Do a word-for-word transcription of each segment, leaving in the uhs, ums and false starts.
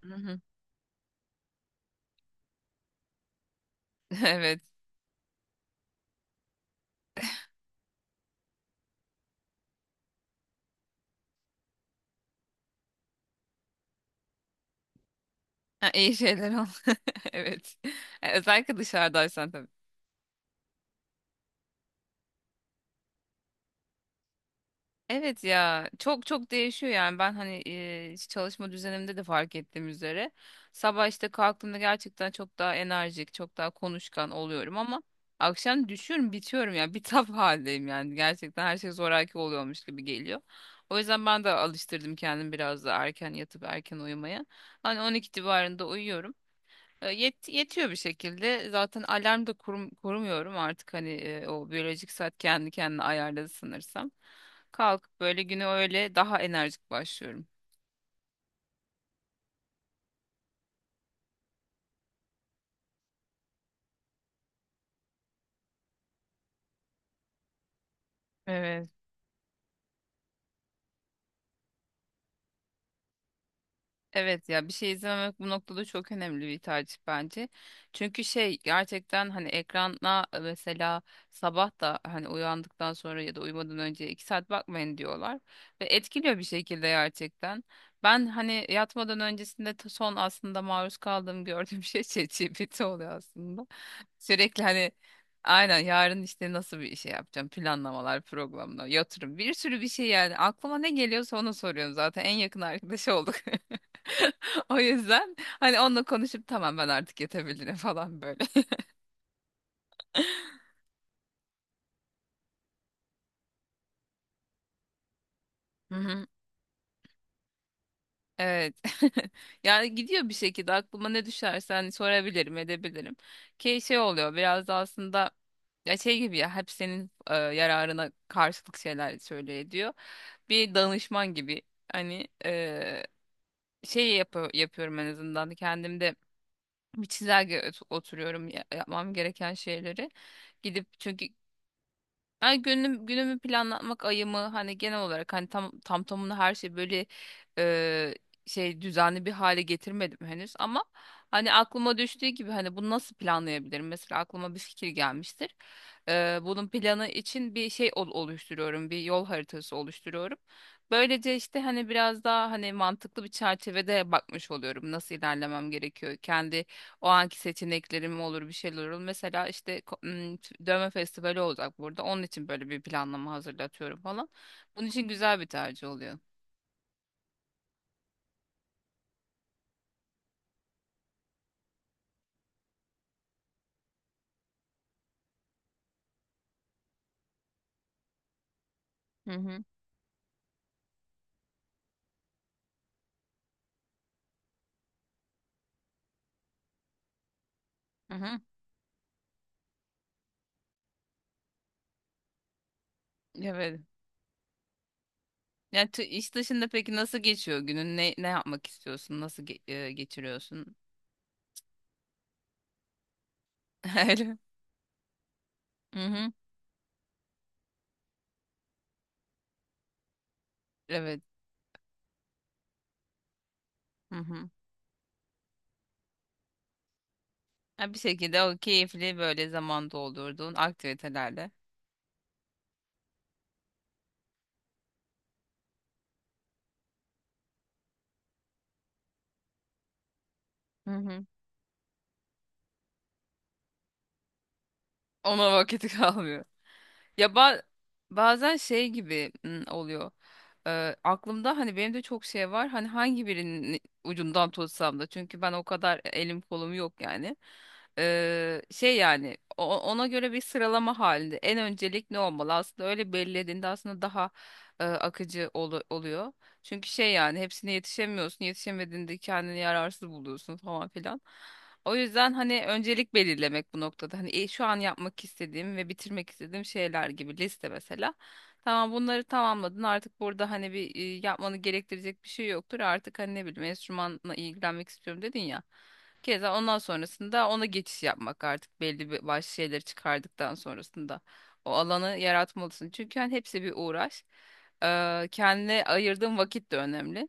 Hı hı. Evet. Ha, iyi şeyler ol. Evet. E, Özellikle dışarıdaysan tabii. Evet ya, çok çok değişiyor yani ben hani e, çalışma düzenimde de fark ettiğim üzere sabah işte kalktığımda gerçekten çok daha enerjik, çok daha konuşkan oluyorum ama akşam düşüyorum, bitiyorum ya, bitap haldeyim yani gerçekten her şey zoraki oluyormuş gibi geliyor. O yüzden ben de alıştırdım kendimi biraz da erken yatıp erken uyumaya. Hani on iki civarında uyuyorum. E, Yet, yetiyor bir şekilde. Zaten alarm da kurum, kurmuyorum artık, hani e, o biyolojik saat kendi kendine ayarladı sanırsam. Kalkıp böyle güne öyle daha enerjik başlıyorum. Evet. Evet ya, bir şey izlememek bu noktada çok önemli bir tercih bence. Çünkü şey gerçekten, hani ekrana mesela sabah da hani uyandıktan sonra ya da uyumadan önce iki saat bakmayın diyorlar. Ve etkiliyor bir şekilde gerçekten. Ben hani yatmadan öncesinde t- son aslında maruz kaldığım, gördüğüm şey ChatGPT oluyor aslında. Sürekli hani aynen, yarın işte nasıl bir şey yapacağım, planlamalar, programlar, yatırım, bir sürü bir şey, yani aklıma ne geliyorsa onu soruyorum, zaten en yakın arkadaş olduk. O yüzden hani onunla konuşup tamam, ben artık yetebilirim falan böyle. Hı hı. Evet. Yani gidiyor bir şekilde, aklıma ne düşerse hani sorabilirim, edebilirim. Ki şey oluyor biraz da aslında, ya şey gibi, ya hep senin e, yararına karşılık şeyler söylüyor, ediyor. Bir danışman gibi hani e, şey yapı- yapıyorum en azından kendimde bir çizelge ot- oturuyorum, ya- yapmam gereken şeyleri. Gidip çünkü. Yani günüm, günümü planlatmak, ayımı hani genel olarak, hani tam tam tamına her şey böyle e, şey düzenli bir hale getirmedim henüz ama hani aklıma düştüğü gibi, hani bunu nasıl planlayabilirim? Mesela aklıma bir fikir gelmiştir. E, bunun planı için bir şey ol- oluşturuyorum, bir yol haritası oluşturuyorum. Böylece işte hani biraz daha, hani mantıklı bir çerçevede bakmış oluyorum nasıl ilerlemem gerekiyor. Kendi o anki seçeneklerim olur, bir şeyler olur. Mesela işte ko- m, t- dövme festivali olacak burada. Onun için böyle bir planlama hazırlatıyorum falan. Bunun için güzel bir tercih oluyor. Hı hı. Hı hı. Evet. Yani tü- iş dışında peki nasıl geçiyor günün? Ne ne yapmak istiyorsun? Nasıl ge- e, geçiriyorsun? Öyle. Hı hı. Evet. Hı hı. Ha, bir şekilde o keyifli böyle zaman doldurduğun aktivitelerle. Hı hı. Ona vakit kalmıyor. Ya ba- bazen şey gibi mm, oluyor. Ee, aklımda hani benim de çok şey var. Hani hangi birinin ucundan tutsam da. Çünkü ben o kadar elim kolum yok yani. Ee, şey yani o- ona göre bir sıralama halinde. En öncelik ne olmalı? Aslında öyle belirlediğinde aslında daha e, akıcı olu- oluyor. Çünkü şey yani hepsine yetişemiyorsun. Yetişemediğinde kendini yararsız buluyorsun falan filan. O yüzden hani öncelik belirlemek bu noktada. Hani e, şu an yapmak istediğim ve bitirmek istediğim şeyler gibi liste mesela. Tamam, bunları tamamladın artık, burada hani bir e, yapmanı gerektirecek bir şey yoktur. Artık hani ne bileyim, enstrümanla ilgilenmek istiyorum dedin ya. Keza ondan sonrasında ona geçiş yapmak artık belli bir başlı şeyleri çıkardıktan sonrasında. O alanı yaratmalısın. Çünkü hani hepsi bir uğraş. Ee, kendine ayırdığın vakit de önemli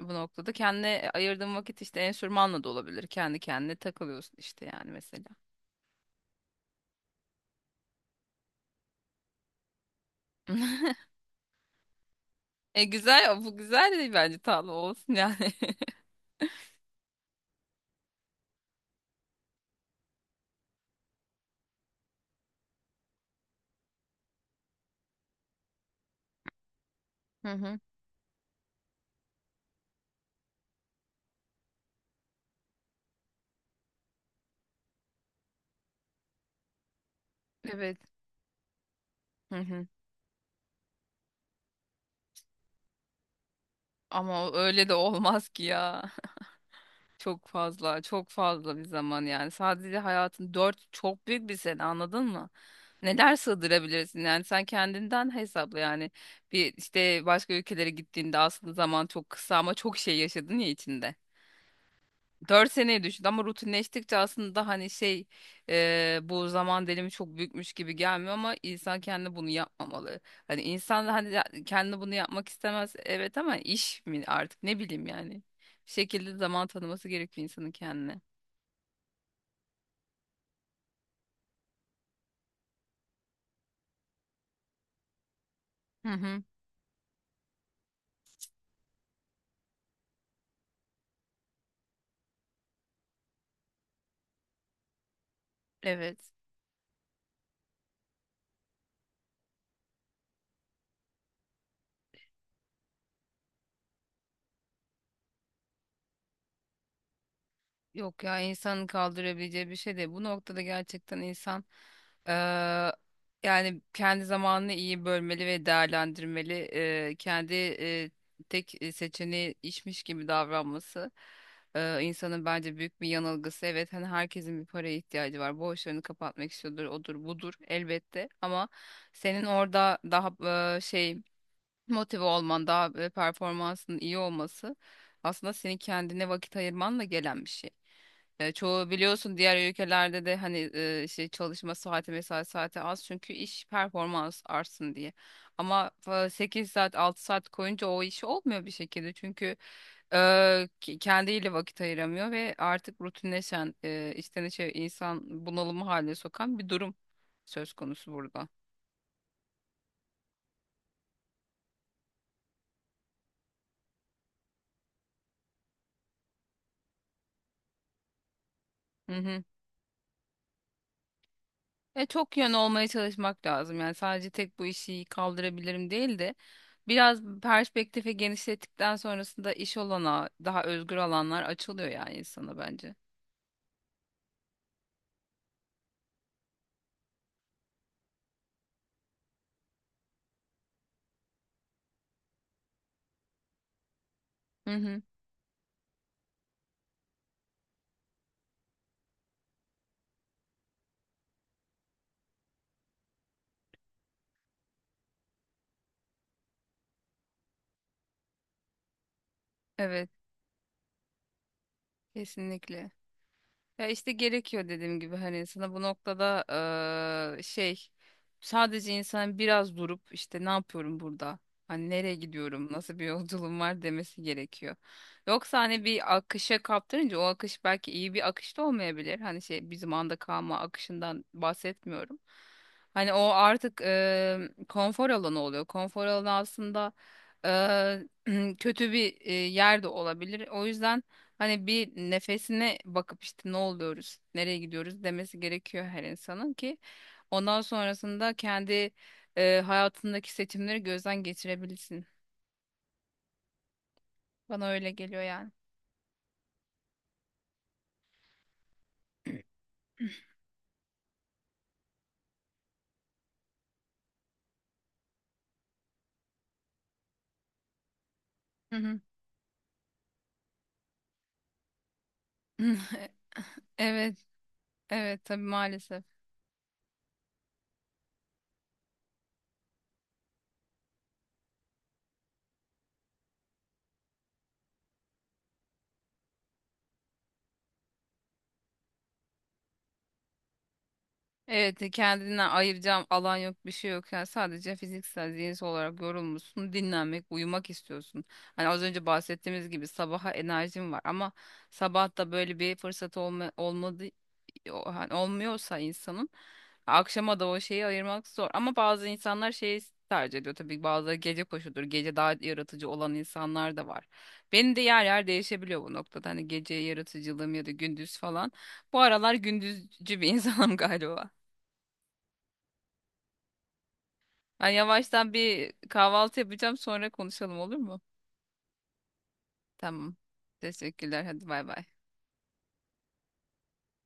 bu noktada. Kendine ayırdığın vakit işte enstrümanla da olabilir. Kendi kendine takılıyorsun işte yani mesela. E güzel bu, güzel de bence tatlı olsun yani. Hı hı. Evet. Hı hı. Ama o- öyle de olmaz ki ya. Çok fazla, çok fazla bir zaman yani. Sadece hayatın dört, çok büyük bir sene, anladın mı? Neler sığdırabilirsin yani sen kendinden hesapla yani. Bir işte başka ülkelere gittiğinde aslında zaman çok kısa ama çok şey yaşadın ya içinde. Dört seneye düştü ama rutinleştikçe aslında hani şey, e, bu zaman dilimi çok büyükmüş gibi gelmiyor ama insan kendi bunu yapmamalı. Hani insan da hani ya- kendi bunu yapmak istemez, evet, ama iş mi artık, ne bileyim yani. Bir şekilde zaman tanıması gerekiyor insanın kendine. Hı hı. Evet. Yok ya, insanın kaldırabileceği bir şey değil. Bu noktada gerçekten insan eee, yani kendi zamanını iyi bölmeli ve değerlendirmeli. Eee, kendi eee, tek seçeneği işmiş gibi davranması eee, insanın bence büyük bir yanılgısı. Evet, hani herkesin bir paraya ihtiyacı var. Borçlarını kapatmak istiyordur, odur budur elbette. Ama senin orada daha eee, şey motive olman, daha eee, performansın iyi olması aslında senin kendine vakit ayırmanla gelen bir şey. E, çoğu biliyorsun, diğer ülkelerde de hani e, şey çalışma saati, mesai saati az çünkü iş performans artsın diye. Ama e, sekiz saat, altı saat koyunca o iş olmuyor bir şekilde çünkü e, ke- kendiyle vakit ayıramıyor ve artık rutinleşen, e, içten içe insan bunalımı haline sokan bir durum söz konusu burada. E, çok yön olmaya çalışmak lazım. Yani sadece tek bu işi kaldırabilirim değil de biraz perspektifi genişlettikten sonrasında iş olana daha özgür alanlar açılıyor yani insana bence. Hı hı. Evet, kesinlikle. Ya işte gerekiyor, dediğim gibi hani sana bu noktada eee, şey sadece insan biraz durup işte, ne yapıyorum burada? Hani nereye gidiyorum? Nasıl bir yolculuğum var demesi gerekiyor. Yoksa hani bir akışa kaptırınca o akış belki iyi bir akış da olmayabilir. Hani şey, bizim anda kalma akışından bahsetmiyorum. Hani o artık eee, konfor alanı oluyor. Konfor alanı aslında eee, kötü bir eee, yer de olabilir. O yüzden hani bir nefesine bakıp işte, ne oluyoruz, nereye gidiyoruz demesi gerekiyor her insanın ki ondan sonrasında kendi e, hayatındaki seçimleri gözden geçirebilsin. Bana öyle geliyor yani. Hı hı. Evet, evet tabii maalesef. Evet, e, kendinden ayıracağım alan yok, bir şey yok. Yani sadece fiziksel, zihinsel olarak yorulmuşsun, dinlenmek, uyumak istiyorsun. Hani az önce bahsettiğimiz gibi sabaha enerjim var ama sabah da böyle bir fırsat olma, olmadı, o- hani olmuyorsa insanın akşama da o şeyi ayırmak zor. Ama bazı insanlar şeyi tercih ediyor tabii, bazıları gece koşudur. Gece daha yaratıcı olan insanlar da var. Benim de yer yer değişebiliyor bu noktada. Hani gece yaratıcılığım ya da gündüz falan. Bu aralar gündüzcü bir insanım galiba. Ben yavaştan bir kahvaltı yapacağım, sonra konuşalım olur mu? Tamam. Teşekkürler. Hadi bay bay.